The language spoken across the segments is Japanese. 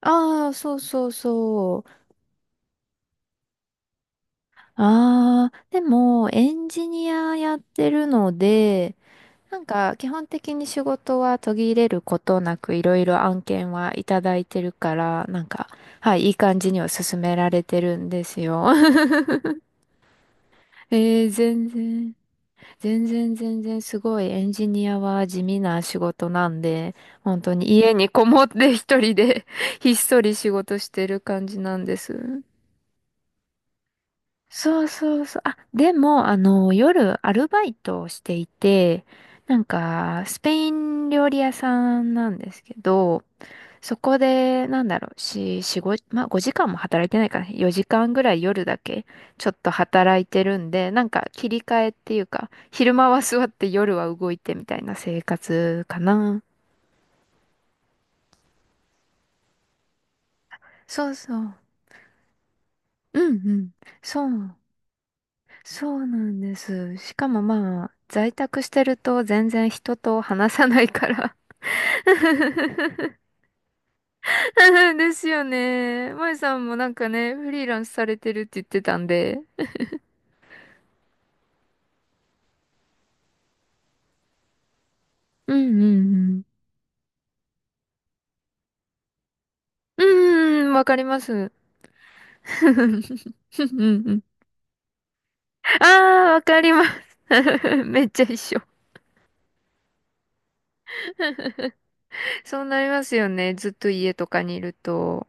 ああ、そうそうそう。ああ、でも、エンジニアやってるので、なんか、基本的に仕事は途切れることなく、いろいろ案件はいただいてるから、なんか、はい、いい感じには進められてるんですよ。全然、全然全然すごい、エンジニアは地味な仕事なんで、本当に家にこもって一人で ひっそり仕事してる感じなんです。そうそうそう。あ、でも、夜アルバイトをしていて、なんか、スペイン料理屋さんなんですけど、そこで、なんだろう、し、しごまあ、5時間も働いてないかな。4時間ぐらい夜だけ、ちょっと働いてるんで、なんか、切り替えっていうか、昼間は座って夜は動いてみたいな生活かな。そうそう。うんうん。そう。そうなんです。しかもまあ、在宅してると全然人と話さないから。 ですよね。まいさんもなんかね、フリーランスされてるって言ってたんで。うんうんうん。うん、わかります。うんうん。ああ、わかります。めっちゃ一緒。そうなりますよね。ずっと家とかにいると。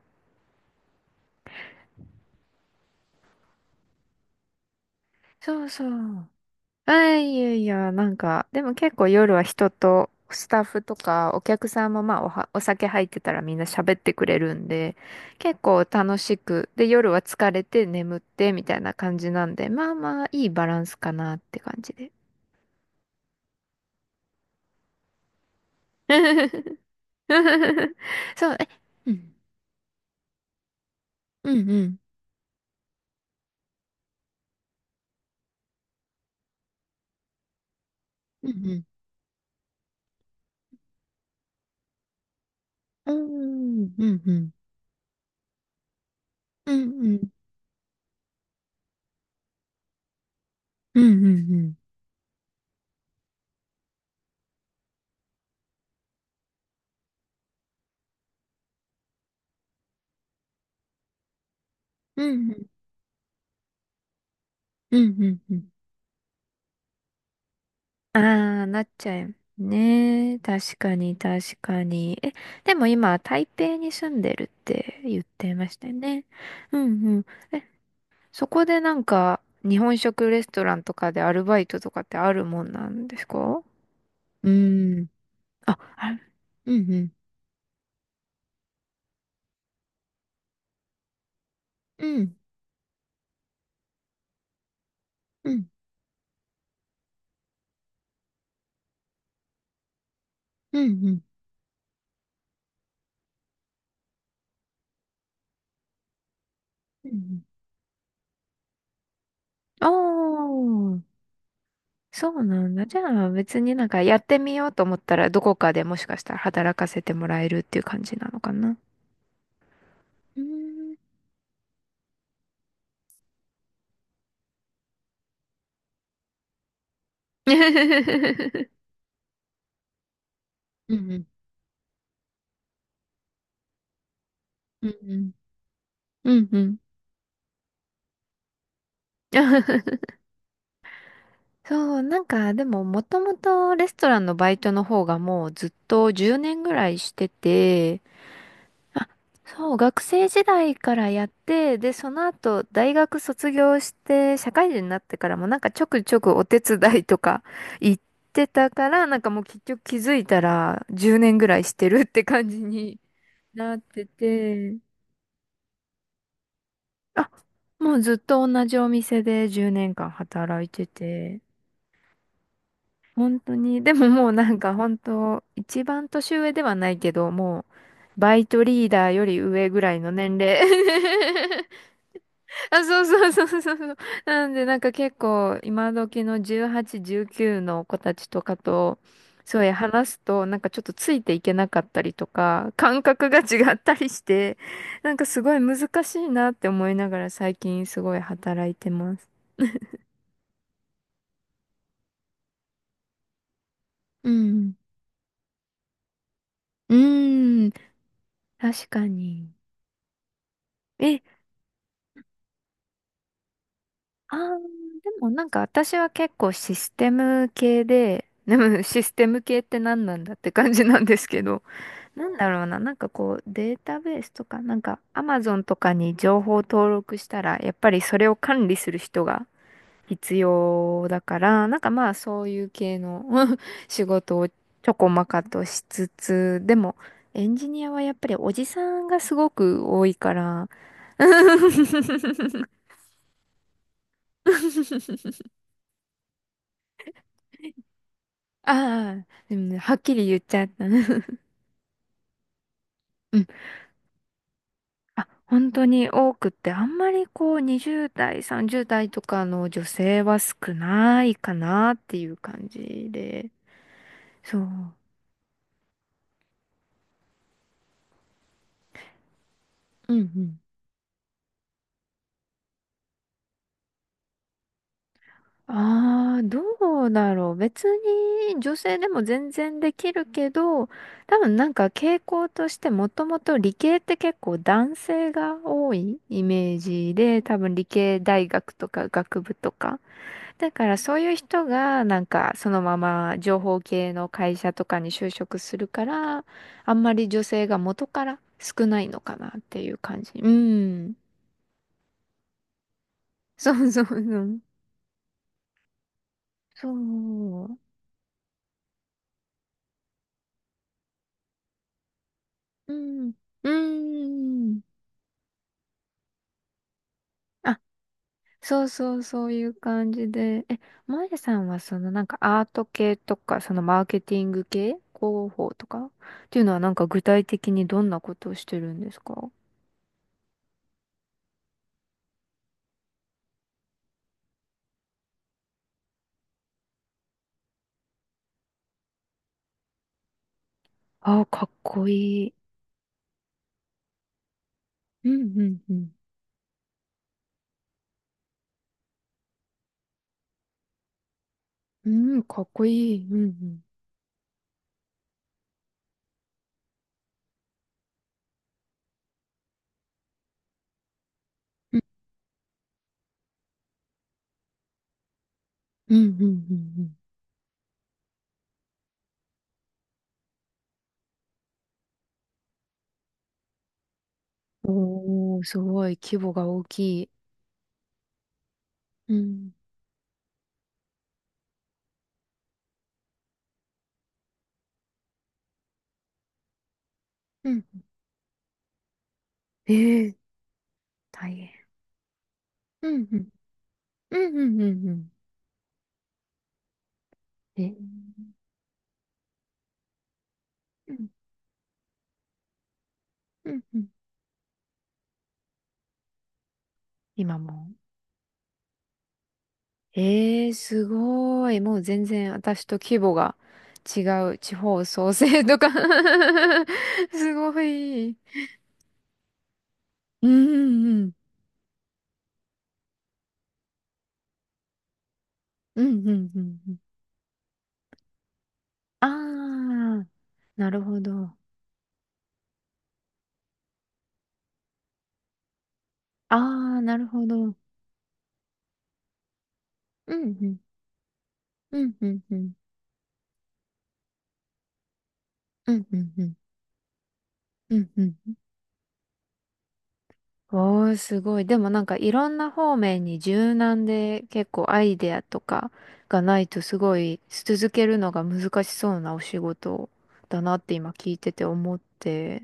そうそう。あ、いやいや、なんかでも結構夜は人とスタッフとかお客さんも、まあ、お酒入ってたらみんな喋ってくれるんで、結構楽しくで夜は疲れて眠ってみたいな感じなんで、まあまあいいバランスかなって感じで。そう。え、うんうんうんうんうんうんうんうんうんうんうんうん、ああ、なっちゃいね。確かに、確かに。え、でも今、台北に住んでるって言ってましたよね。うんうん。え、そこでなんか、日本食レストランとかでアルバイトとかってあるもんなんですか？うーん。あ、ある。うんうん。うん。うん。うんうん。うんうん、ああ、そうなんだ。じゃあ別になんかやってみようと思ったらどこかでもしかしたら働かせてもらえるっていう感じなのかな。うーん。 うんうんうんうんうんうん。 そう、なんかでももともとレストランのバイトの方がもうずっと10年ぐらいしてて、あ、そう、学生時代からやって、で、その後大学卒業して社会人になってからもなんかちょくちょくお手伝いとか行ってたから、なんかもう結局気づいたら10年ぐらいしてるって感じになってて、あ、もうずっと同じお店で10年間働いてて、本当に。でももうなんか本当、一番年上ではないけど、もう、バイトリーダーより上ぐらいの年齢。あ、そうそうそうそうそう。なんでなんか結構、今時の18、19の子たちとかと、そうや話すと、なんかちょっとついていけなかったりとか、感覚が違ったりして、なんかすごい難しいなって思いながら最近すごい働いてます。うん。うーん。確かに。え、あー、でもなんか私は結構システム系で、でもシステム系って何なんだって感じなんですけど、なんだろうな、なんかこうデータベースとか、なんか Amazon とかに情報登録したら、やっぱりそれを管理する人が必要だから、なんかまあそういう系の 仕事をちょこまかとしつつ、でもエンジニアはやっぱりおじさんがすごく多いから、ああ、でもね、はっきり言っちゃった。うん。あ、本当に多くって、あんまりこう20代、30代とかの女性は少ないかなっていう感じで。そう。うんうん。ああ、どうだろう。別に女性でも全然できるけど、多分なんか傾向としてもともと理系って結構男性が多いイメージで、多分理系大学とか学部とか。だからそういう人がなんかそのまま情報系の会社とかに就職するから、あんまり女性が元から少ないのかなっていう感じ。うん。そうそうそう。そう。うん。うん。あ、そうそう、そういう感じで。え、まやさんはそのなんかアート系とか、そのマーケティング系、広報とかっていうのはなんか具体的にどんなことをしてるんですか？ああ、かっこいい。うんうんうん。うん、かっこいい。うんうん。うんうんうんうんうん。おー、すごい、規模が大きい。うん。うん。ええ、大変。うんうん。うんうんうんうん。え、うんうんうん、今も。ええー、すごい。もう全然私と規模が違う、地方創生とか。 すごい。うんうんうん。うんうんうんうん。ああ、なるほど。ああ、なるほど。うんうん。うんうんうん。うんうんうん。うんうんうん。おー、すごい。でもなんかいろんな方面に柔軟で結構アイデアとかがないとすごい続けるのが難しそうなお仕事だなって今聞いてて思って。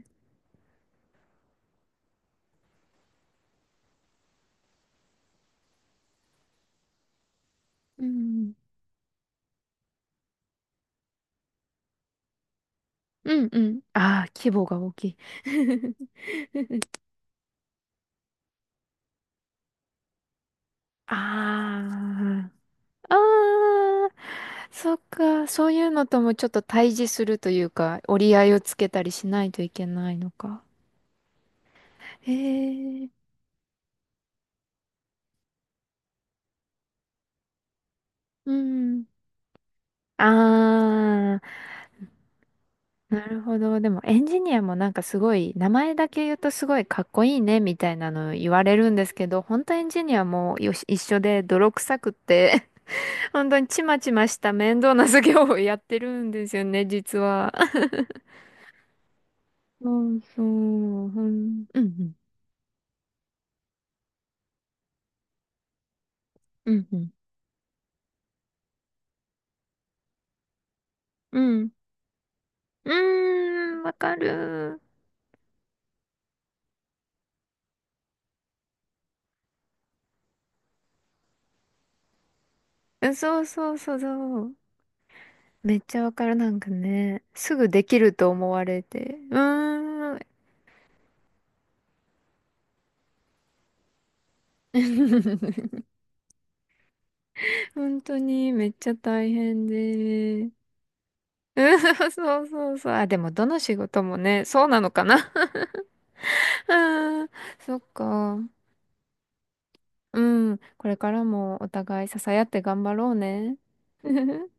うん。うんうん。ああ、規模が大きい。ああ、ああ、そっか。そういうのともちょっと対峙するというか、折り合いをつけたりしないといけないのか。へえ。うん。ああ。なるほど。でもエンジニアもなんかすごい、名前だけ言うとすごいかっこいいねみたいなの言われるんですけど、本当エンジニアもよし一緒で泥臭くって、本当にちまちました面倒な作業をやってるんですよね、実は。そうそう、うん、うん、うん、うん、うん、うーん、わかる。う、そうそうそうそう。めっちゃわかる。なんかね、すぐできると思われて。うーん。本当にめっちゃ大変で。うん、そうそうそう。あ、でもどの仕事もね、そうなのかな。うん、そっか。うん、これからもお互い支え合って頑張ろうね。